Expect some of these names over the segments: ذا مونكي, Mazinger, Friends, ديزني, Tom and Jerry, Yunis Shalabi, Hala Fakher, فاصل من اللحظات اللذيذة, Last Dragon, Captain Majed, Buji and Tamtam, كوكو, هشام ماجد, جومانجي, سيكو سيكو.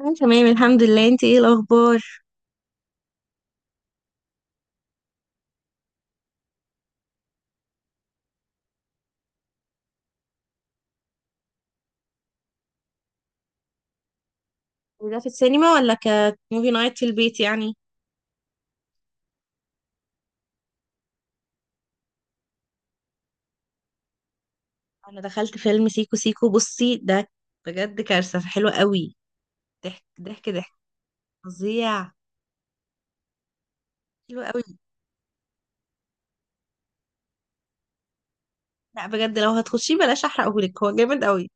أنا تمام، الحمد لله. انت ايه الاخبار؟ وده في السينما ولا كموفي نايت في البيت يعني؟ انا دخلت فيلم سيكو سيكو، بصي ده. بجد، كارثة حلوة قوي. ضحك ضحك ضحك. فظيع. حلو قوي. لا بجد، لو هتخشيه بلاش احرقهولك، هو جامد قوي.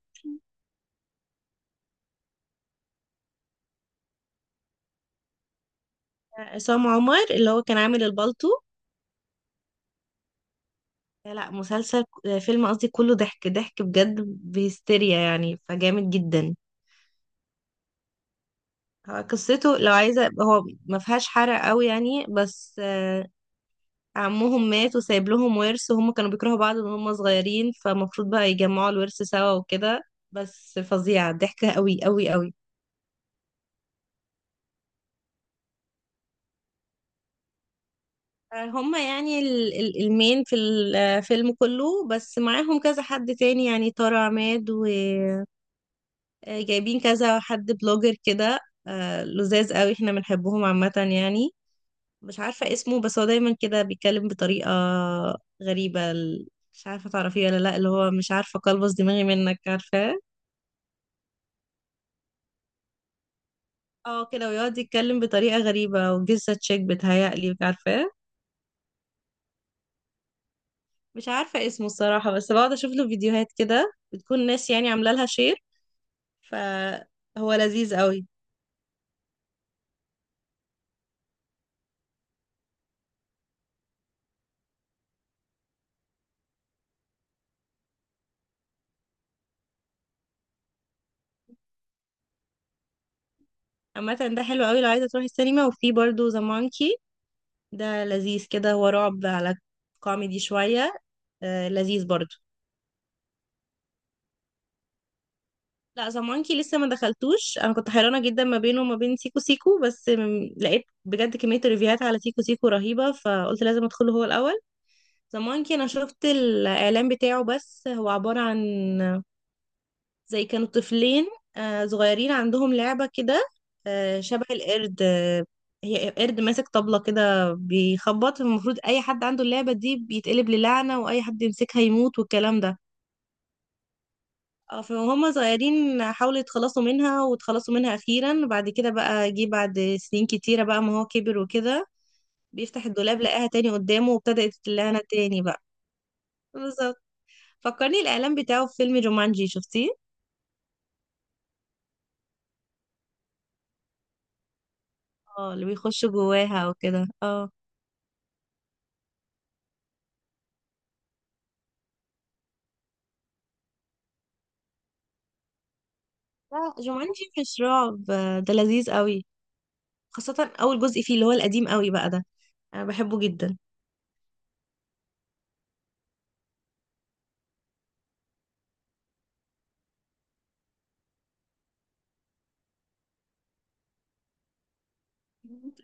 عصام عمر اللي هو كان عامل البالتو. لا مسلسل، فيلم قصدي. كله ضحك ضحك بجد بهستيريا يعني، فجامد جدا. هو قصته لو عايزة، هو ما فيهاش حرق قوي يعني بس. عمهم مات وسايب لهم ورث، وهم كانوا بيكرهوا بعض من هم صغيرين، فمفروض بقى يجمعوا الورث سوا وكده. بس فظيعة، ضحكة قوي قوي قوي. هم يعني المين في الفيلم كله، بس معاهم كذا حد تاني يعني، تارة عماد. وجايبين كذا حد بلوجر كده. لذاذ قوي، احنا بنحبهم عامة يعني. مش عارفة اسمه، بس هو دايما كده بيتكلم بطريقة غريبة مش عارفة تعرفيه ولا لا، اللي هو مش عارفة قلبص دماغي منك، عارفة. اه كده، ويقعد يتكلم بطريقة غريبة وجزة تشيك، بتهيألي مش عارفة. مش عارفة اسمه الصراحة، بس بقعد اشوف له فيديوهات كده بتكون ناس يعني عاملة لها شير، فهو لذيذ قوي. عامة ده حلو قوي لو عايزة تروحي السينما، وفي برضه ذا مونكي. ده لذيذ كده، هو رعب على كوميدي شوية. لذيذ برضه. لا ذا مونكي لسه ما دخلتوش، انا كنت حيرانة جدا ما بينه وما بين سيكو سيكو، بس لقيت بجد كمية ريفيوهات على سيكو سيكو رهيبة، فقلت لازم ادخله هو الأول. ذا مونكي انا شفت الاعلان بتاعه، بس هو عبارة عن زي كانوا طفلين، صغيرين عندهم لعبة كده. شبه القرد. هي قرد ماسك طبلة كده بيخبط، المفروض اي حد عنده اللعبة دي بيتقلب للعنة، واي حد يمسكها يموت والكلام ده. فهم صغيرين حاولوا يتخلصوا منها، واتخلصوا منها اخيرا. بعد كده بقى جه بعد سنين كتيرة بقى، ما هو كبر وكده، بيفتح الدولاب لقاها تاني قدامه، وابتدت اللعنة تاني بقى. بالظبط. فكرني الاعلان بتاعه في فيلم جومانجي، شفتيه؟ اه، اللي بيخش جواها وكده، اه. لا جومانجي مش رعب، ده لذيذ قوي، خاصة اول جزء فيه اللي هو القديم قوي بقى ده، انا بحبه جدا.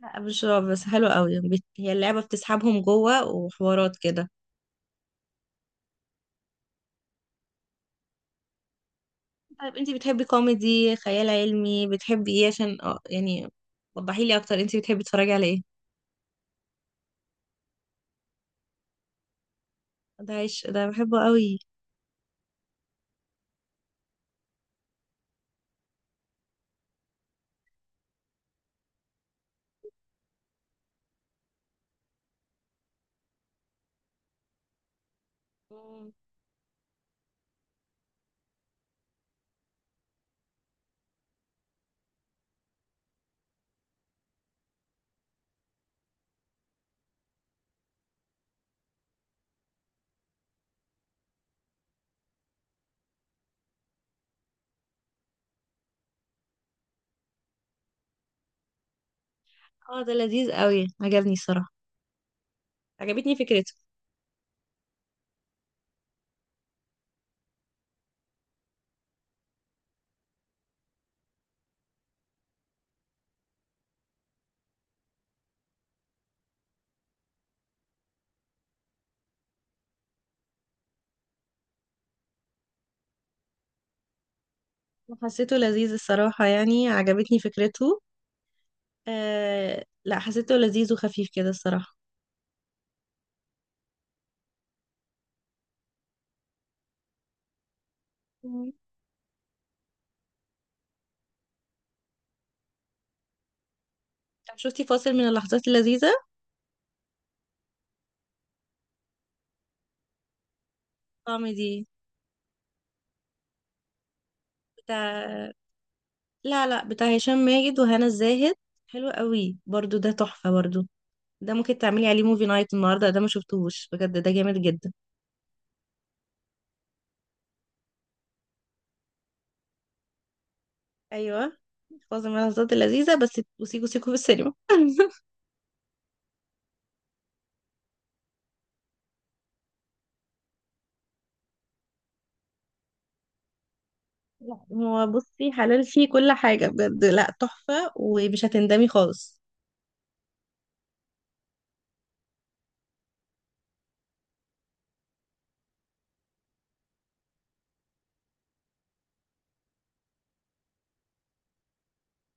لا مش رعب بس حلو قوي. هي اللعبة بتسحبهم جوه وحوارات كده. طيب انتي بتحبي كوميدي، خيال علمي، بتحبي ايه عشان اه يعني، وضحي لي اكتر انتي بتحبي تتفرجي على ايه. ده عيش، ده بحبه قوي. مم. اه، ده لذيذ قوي، عجبني الصراحة. عجبتني فكرته. حسيته لذيذ الصراحة يعني، عجبتني فكرته. لا، حسيته لذيذ وخفيف كده الصراحة. مم. طب شفتي فاصل من اللحظات اللذيذة؟ كوميدي. بتاع، لا لا، بتاع هشام ماجد وهنا الزاهد. حلو قوي برضو، ده تحفة برضو. ده ممكن تعملي عليه موفي نايت النهاردة، ده ما شفتوش بجد، ده جامد جدا. أيوة. فاصل من اللحظات اللذيذة بس، وسيكو سيكو في السينما. لا، هو بصي حلال فيه كل حاجة بجد، لا تحفة ومش هتندمي خالص.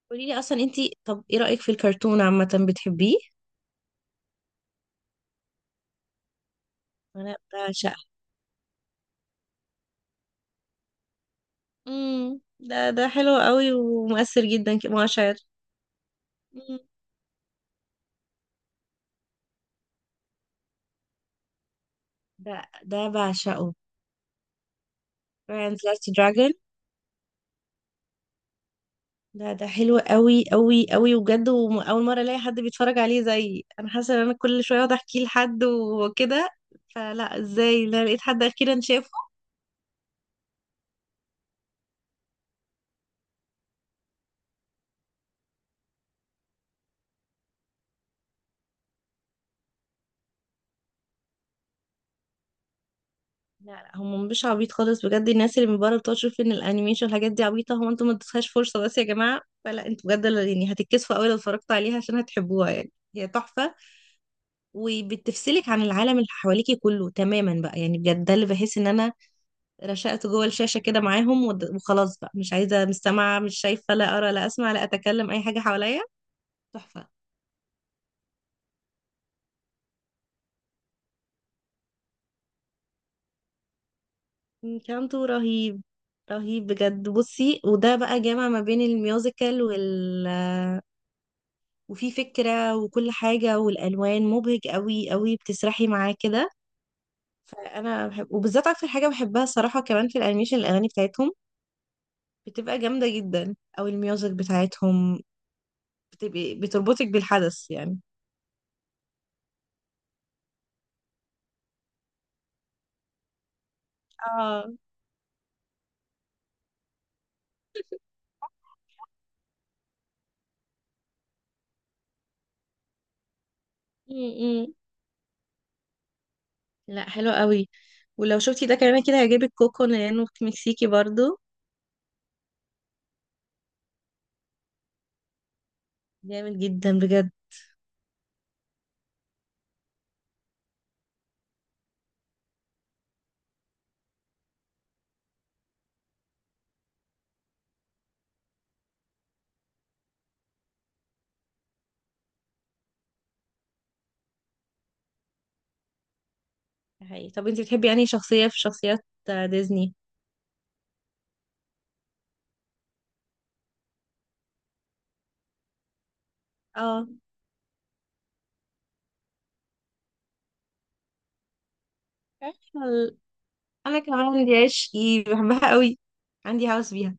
قولي لي اصلا انتي، طب ايه رأيك في الكرتون عامة، بتحبيه؟ انا بعشقها. ده حلو قوي ومؤثر جدا كمؤشر. امم. ده ده بعشقه. Friends Last Dragon. ده حلو قوي قوي قوي، وبجد واول مرة الاقي حد بيتفرج عليه زي انا، حاسة ان انا كل شوية اقعد احكيه لحد وكده، فلا ازاي، لا لقيت حد اخيرا شافه. لا لا، هم مش عبيط خالص بجد. الناس اللي من بره بتقعد تشوف ان الانيميشن والحاجات دي عبيطه، هو انتوا ما ادتوهاش فرصه بس يا جماعه، فلا انتوا بجد يعني هتتكسفوا قوي لو اتفرجتوا عليها عشان هتحبوها يعني، هي تحفه. وبتفصلك عن العالم اللي حواليكي كله تماما بقى يعني، بجد ده اللي بحس ان انا رشقت جوه الشاشه كده معاهم، وخلاص بقى مش عايزه، مستمعه مش شايفه، لا ارى لا اسمع لا اتكلم اي حاجه حواليا. تحفه. انكانتو رهيب. رهيب بجد. بصي، وده بقى جامع ما بين الميوزيكال وال، وفي فكرة وكل حاجة، والألوان مبهج قوي قوي، بتسرحي معاه كده. فأنا بحب، وبالذات أكتر حاجة بحبها الصراحة كمان في الأنيميشن، الأغاني بتاعتهم بتبقى جامدة جدا، أو الميوزك بتاعتهم بتبقى بتربطك بالحدث يعني. اه. م- م. لا، حلو قوي. ولو شفتي ده كمان كده هيعجبك كوكو، لأنه مكسيكي برضو. جامد جدا بجد. حقيقي. طب انت بتحبي يعني شخصية في شخصيات ديزني؟ اه، انا كمان دي عشقي، بحبها قوي، عندي هوس بيها.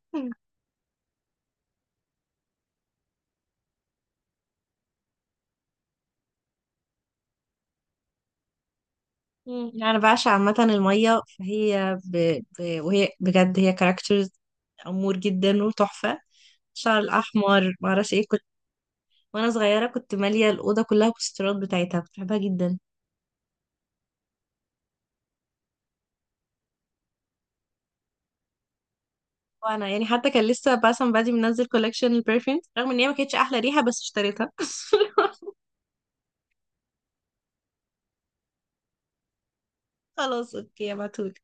مم. يعني انا بعشق عامه الميه، فهي وهي بجد هي كاركترز امور جدا وتحفه. الشعر الاحمر ما اعرفش ايه، كنت وانا صغيره كنت ماليه الاوضه كلها بوسترات بتاعتها، كنت بحبها جدا. وانا يعني حتى كان لسه باسم بادي منزل كولكشن البرفيومز، رغم ان هي ما كانتش احلى ريحه بس اشتريتها. خلاص اوكي، ابعتهولي.